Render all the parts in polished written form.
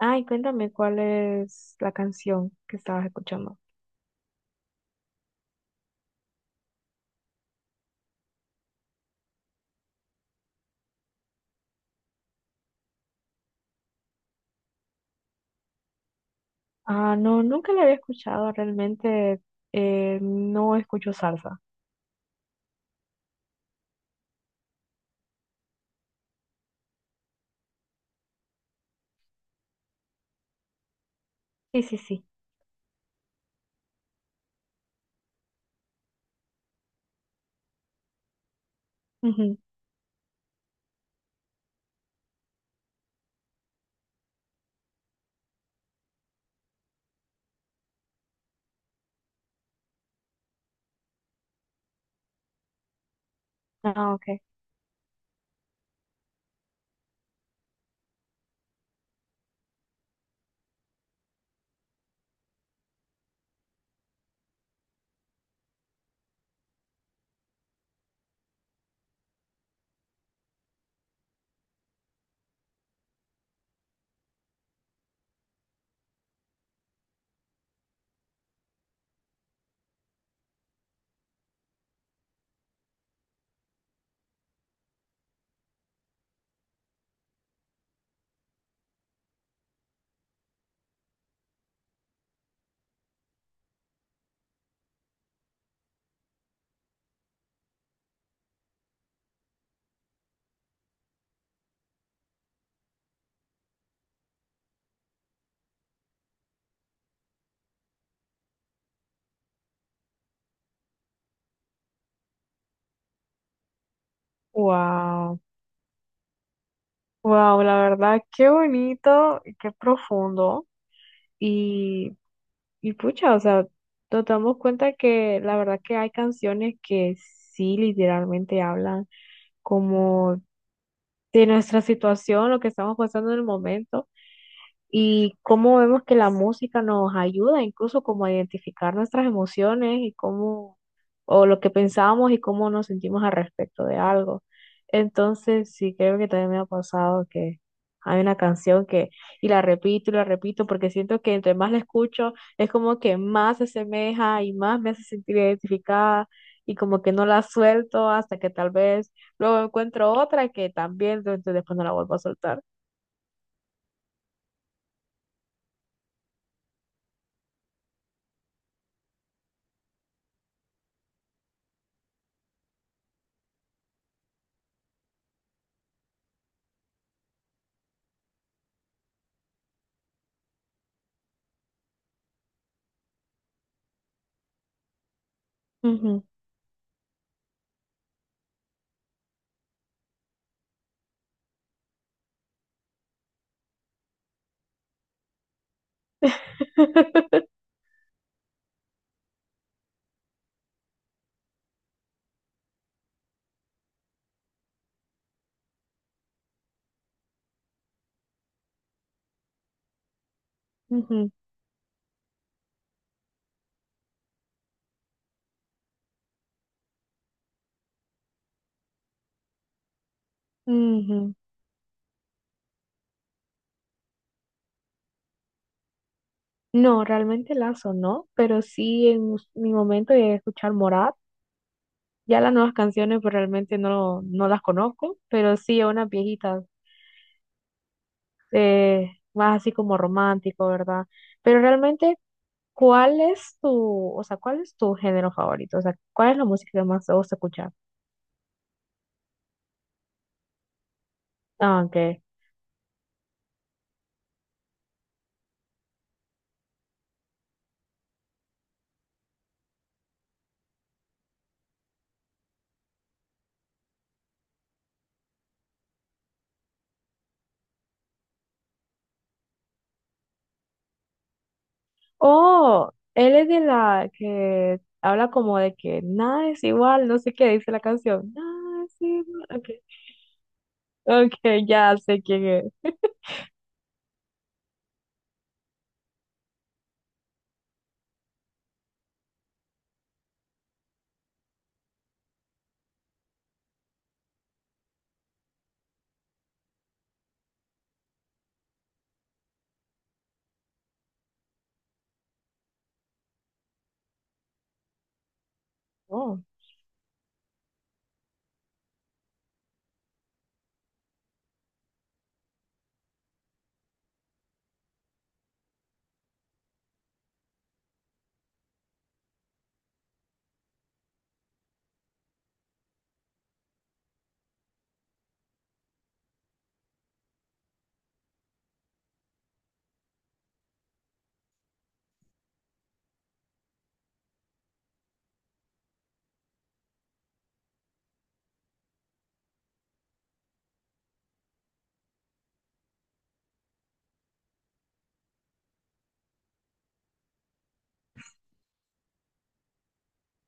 Ay, cuéntame cuál es la canción que estabas escuchando. Ah, no, nunca la había escuchado, realmente no escucho salsa. Sí, sí, sí. Ujú. Ah, ok. Wow, wow, la verdad, qué bonito, y qué profundo. Y, y pucha, o sea, nos damos cuenta que la verdad que hay canciones que sí literalmente hablan como de nuestra situación, lo que estamos pasando en el momento. Y cómo vemos que la música nos ayuda incluso como a identificar nuestras emociones y cómo, o lo que pensamos y cómo nos sentimos al respecto de algo. Entonces, sí, creo que también me ha pasado que hay y la repito, porque siento que entre más la escucho, es como que más se asemeja y más me hace sentir identificada. Y como que no la suelto hasta que tal vez luego encuentro otra que también, entonces después no la vuelvo a soltar. Ujú. Ujú, ujú. No, realmente Lazo no, pero sí en us- mi momento llegué a escuchar Morat. Ya las nuevas canciones pues realmente no, no las conozco, pero sí a unas viejitas, más así como romántico, ¿verdad? Pero realmente, ¿cuál es tu, o sea, cuál es tu género favorito? O sea, ¿cuál es la música que más te gusta escuchar? Ah, ok. Oh, él es de la que habla como de que nada es igual, no sé qué dice la canción. Nada es igual. Ok. Ok, ya sé quién es. Oh,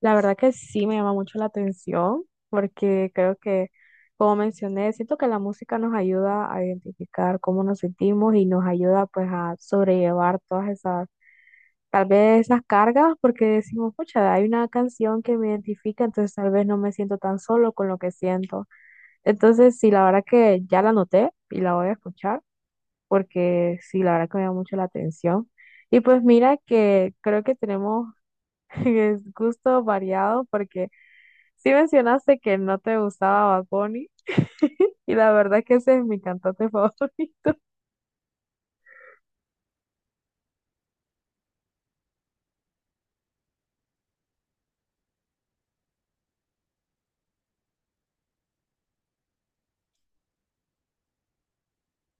la verdad que sí me llama mucho la atención porque creo que, como mencioné, siento que la música nos ayuda a identificar cómo nos sentimos y nos ayuda pues a sobrellevar todas esas, tal vez esas cargas porque decimos, pucha, hay una canción que me identifica, entonces tal vez no me siento tan solo con lo que siento. Entonces, sí, la verdad que ya la anoté y la voy a escuchar porque sí, la verdad que me llama mucho la atención. Y pues mira que creo que tenemos es gusto variado porque sí mencionaste que no te gustaba Bad Bunny y la verdad que ese es mi cantante favorito.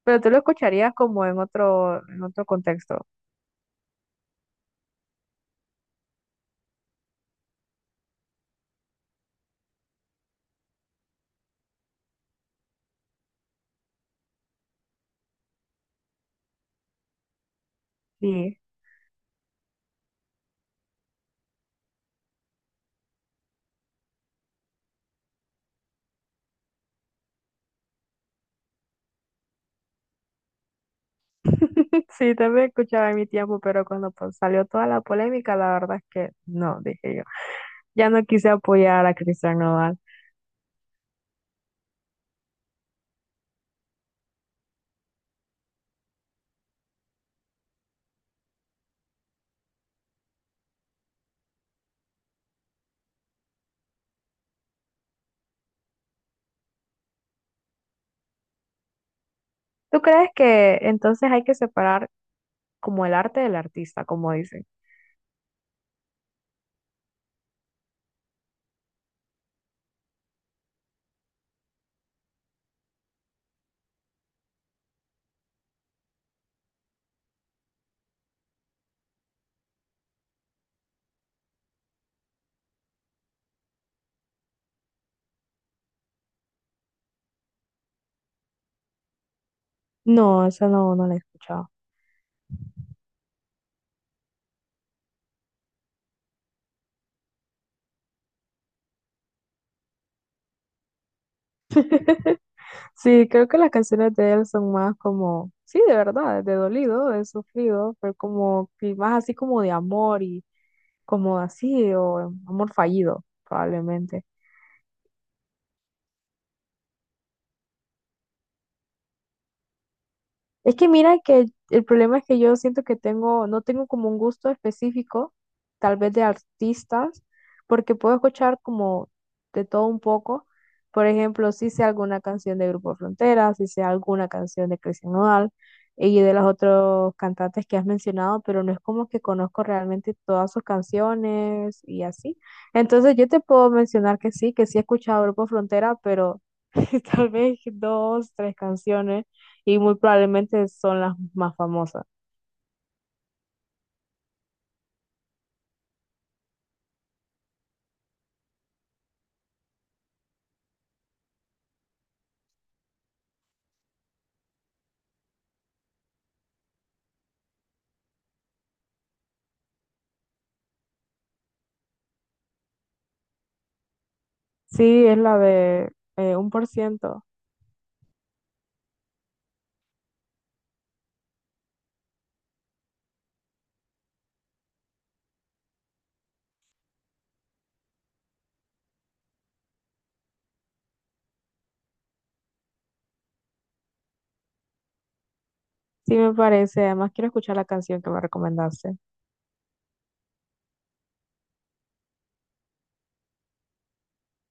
Pero tú lo escucharías como en otro contexto. Sí, sí, también escuchaba en mi tiempo, pero cuando pues, salió toda la polémica, la verdad es que no, dije yo. Ya no quise apoyar a Cristian Nodal. ¿Tú crees que entonces hay que separar como el arte del artista, como dicen? No, eso no, no lo he escuchado. Sí, creo que las canciones de él son más como, sí, de verdad, de dolido, de sufrido, pero como que más así como de amor y como así, o amor fallido, probablemente. Es que mira que el problema es que yo siento que tengo, no tengo como un gusto específico, tal vez de artistas, porque puedo escuchar como de todo un poco. Por ejemplo, si sé alguna canción de Grupo Frontera, si sé alguna canción de Christian Nodal y de los otros cantantes que has mencionado, pero no es como que conozco realmente todas sus canciones y así. Entonces yo te puedo mencionar que sí he escuchado Grupo Frontera, pero tal vez dos, tres canciones y muy probablemente son las más famosas. Sí, es la de 1%. Sí, me parece. Además, quiero escuchar la canción que me recomendaste.